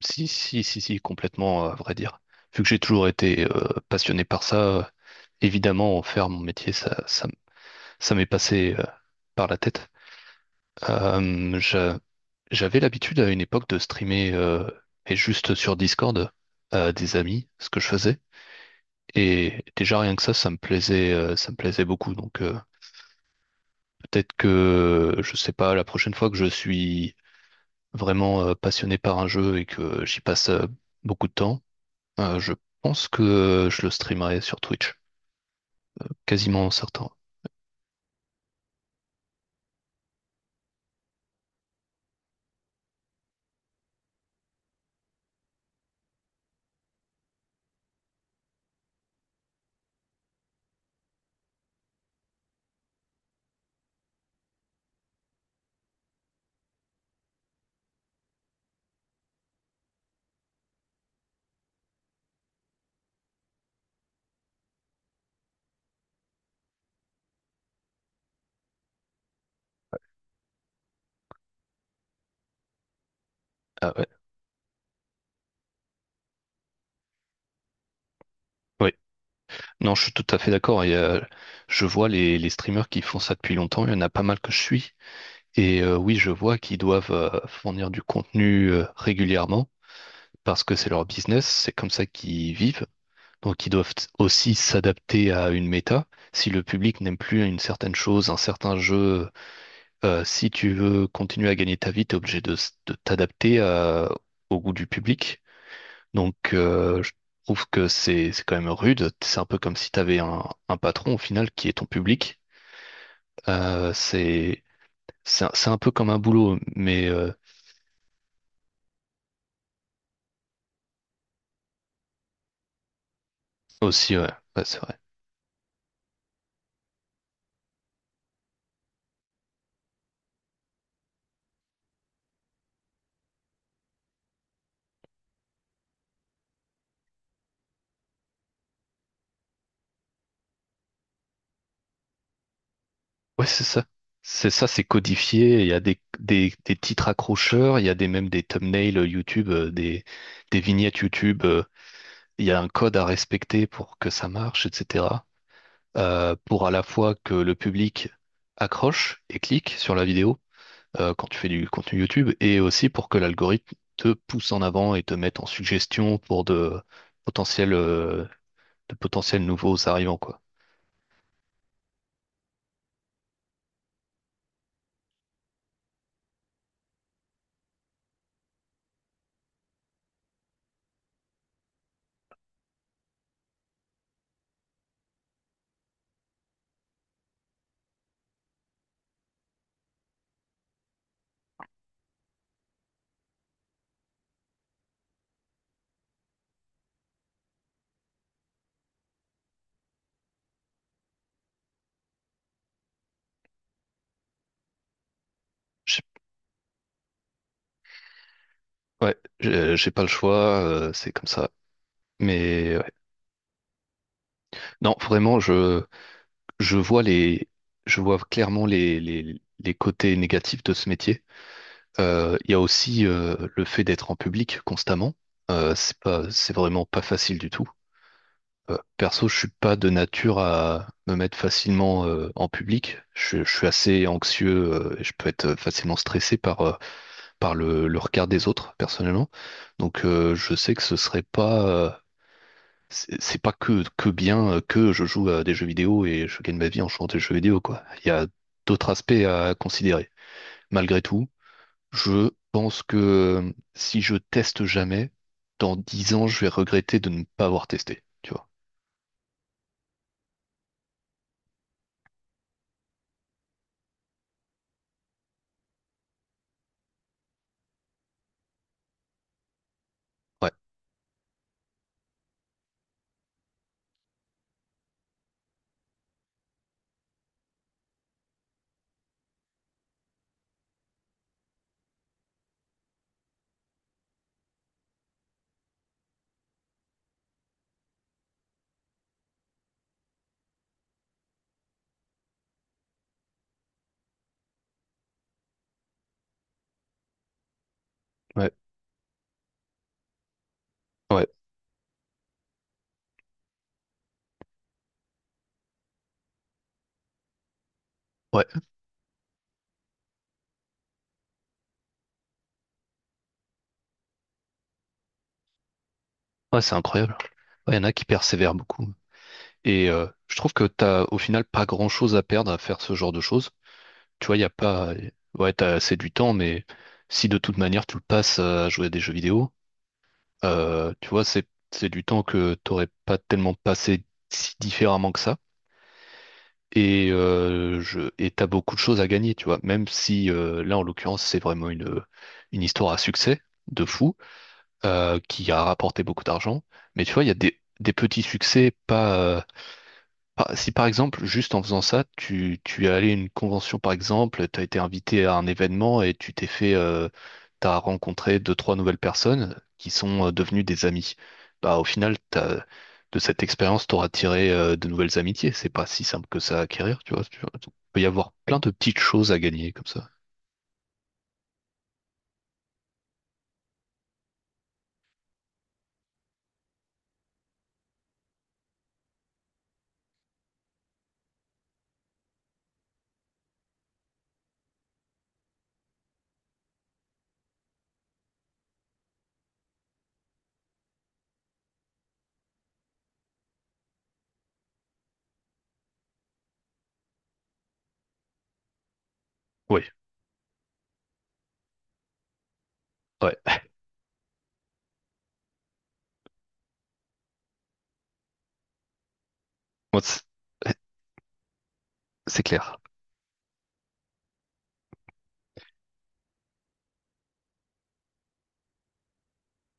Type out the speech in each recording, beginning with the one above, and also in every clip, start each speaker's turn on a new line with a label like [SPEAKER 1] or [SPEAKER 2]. [SPEAKER 1] Si, si, si, si, complètement, à vrai dire. Vu que j'ai toujours été passionné par ça, évidemment, en faire mon métier, ça m'est passé par la tête. Euh, j'a- j'avais l'habitude à une époque de streamer, et juste sur Discord, à des amis, ce que je faisais. Et déjà, rien que ça, ça me plaisait beaucoup. Donc, peut-être que, je sais pas, la prochaine fois que je suis vraiment passionné par un jeu et que j'y passe beaucoup de temps, je pense que je le streamerai sur Twitch, quasiment certain. Ah ouais. Oui. Non, je suis tout à fait d'accord. Et, je vois les streamers qui font ça depuis longtemps. Il y en a pas mal que je suis. Et oui, je vois qu'ils doivent fournir du contenu régulièrement. Parce que c'est leur business, c'est comme ça qu'ils vivent. Donc ils doivent aussi s'adapter à une méta. Si le public n'aime plus une certaine chose, un certain jeu, si tu veux continuer à gagner ta vie, tu es obligé de t'adapter au goût du public. Donc je trouve que c'est quand même rude. C'est un peu comme si tu avais un patron au final qui est ton public. C'est c'est un peu comme un boulot, mais aussi, ouais. Ouais, c'est vrai. Ouais, c'est ça. C'est ça, c'est codifié. Il y a des titres accrocheurs, il y a des même des thumbnails YouTube, des vignettes YouTube. Il y a un code à respecter pour que ça marche, etc. Pour à la fois que le public accroche et clique sur la vidéo quand tu fais du contenu YouTube, et aussi pour que l'algorithme te pousse en avant et te mette en suggestion pour potentiels, euh, de potentiels nouveaux arrivants, quoi. J'ai- Ouais, j'ai pas le choix, c'est comme ça. Mais non, vraiment, je vois les, je vois clairement les côtés négatifs de ce métier. Il y a aussi le fait d'être en public constamment. C'est pas, c'est vraiment pas facile du tout. Perso, je suis pas de nature à me mettre facilement en public. Je suis assez anxieux et je peux être facilement stressé par le regard des autres, personnellement. Donc, je sais que ce serait pas c'est c'est pas que, que bien que je joue à des jeux vidéo et je gagne ma vie en jouant à des jeux vidéo, quoi. Il y a d'autres aspects à considérer. Malgré tout, je pense que si je teste jamais, dans 10 ans, je vais regretter de ne pas avoir testé, tu vois. Ouais, ouais, ouais, ouais, ouais, c'est incroyable. Ouais, il y en a qui persévèrent beaucoup. Et je trouve que t'as au final pas grand-chose à perdre à faire ce genre de choses. Tu vois, il y a pas... Ouais, t'as assez du temps, mais si de toute manière tu le passes à jouer à des jeux vidéo, tu vois, c'est du temps que t'aurais pas tellement passé si différemment que ça. Et t'as beaucoup de choses à gagner, tu vois. Même si là, en l'occurrence, c'est vraiment une histoire à succès de fou qui a rapporté beaucoup d'argent. Mais tu vois, il y a des petits succès, pas par- si par exemple, juste en faisant ça, tu es allé à une convention par exemple, tu as été invité à un événement et tu t'es t'as rencontré deux, trois nouvelles personnes qui sont devenues des amis. Bah, au final, t'as, de cette expérience, t'auras tiré de nouvelles amitiés. C'est pas si simple que ça à acquérir, tu vois. Tu vois. Il peut y avoir plein de petites choses à gagner comme ça. Oui, ouais. Moi, c'est clair.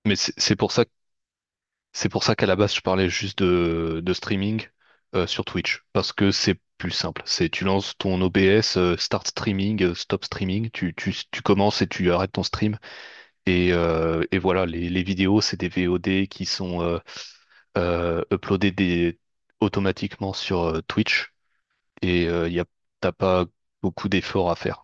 [SPEAKER 1] Mais c'est pour ça. C'est pour ça qu'à la base, je parlais juste de streaming sur Twitch, parce que c'est plus simple. C'est tu lances ton OBS, start streaming, stop streaming, tu commences et tu arrêtes ton stream. Et voilà, les vidéos, c'est des VOD qui sont uploadées automatiquement sur Twitch, et t'as pas beaucoup d'efforts à faire.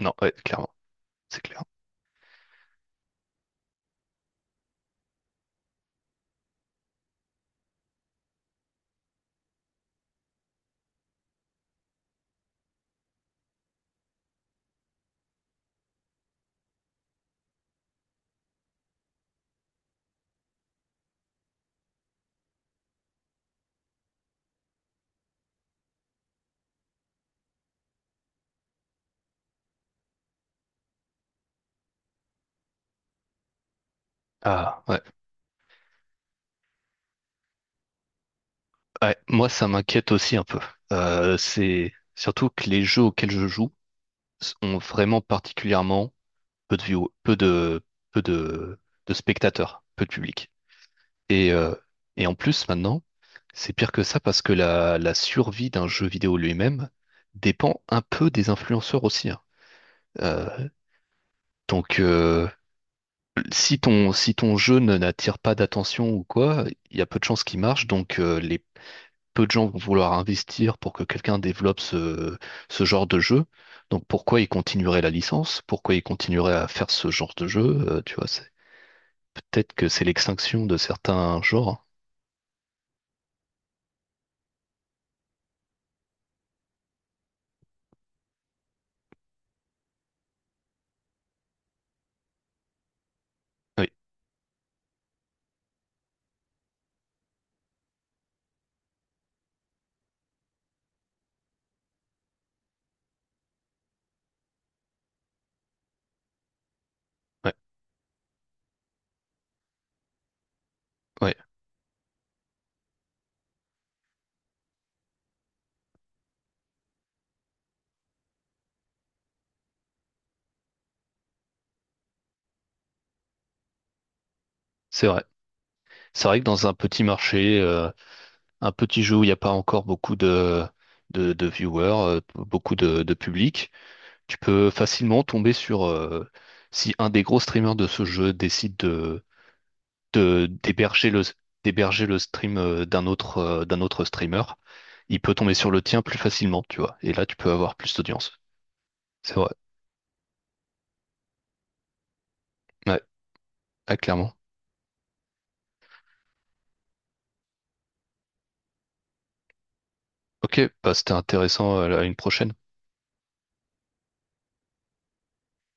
[SPEAKER 1] Non, ouais, clairement, c'est clair. Ah ouais. Ouais, moi ça m'inquiète aussi un peu. C'est surtout que les jeux auxquels je joue ont vraiment particulièrement peu de view, peu de, de spectateurs, peu de public. Et euh, et en plus maintenant, c'est pire que ça parce que la survie d'un jeu vidéo lui-même dépend un peu des influenceurs aussi, hein. Euh, donc, si ton, si ton jeu ne n'attire pas d'attention ou quoi, il y a peu de chances qu'il marche. Donc, les peu de gens vont vouloir investir pour que quelqu'un développe ce genre de jeu. Donc, pourquoi ils continueraient la licence? Pourquoi ils continueraient à faire ce genre de jeu? Tu vois, c'est peut-être que c'est l'extinction de certains genres. Oui, ouais, ouais, c'est vrai. C'est vrai que dans un petit marché, un petit jeu où il n'y a pas encore beaucoup de viewers, beaucoup de public, tu peux facilement tomber sur si un des gros streamers de ce jeu décide d'héberger d'héberger le stream d'un autre streamer, il peut tomber sur le tien plus facilement, tu vois. Et là, tu peux avoir plus d'audience. C'est vrai. Ouais, ah, clairement. Ok, bah, c'était intéressant. À une prochaine.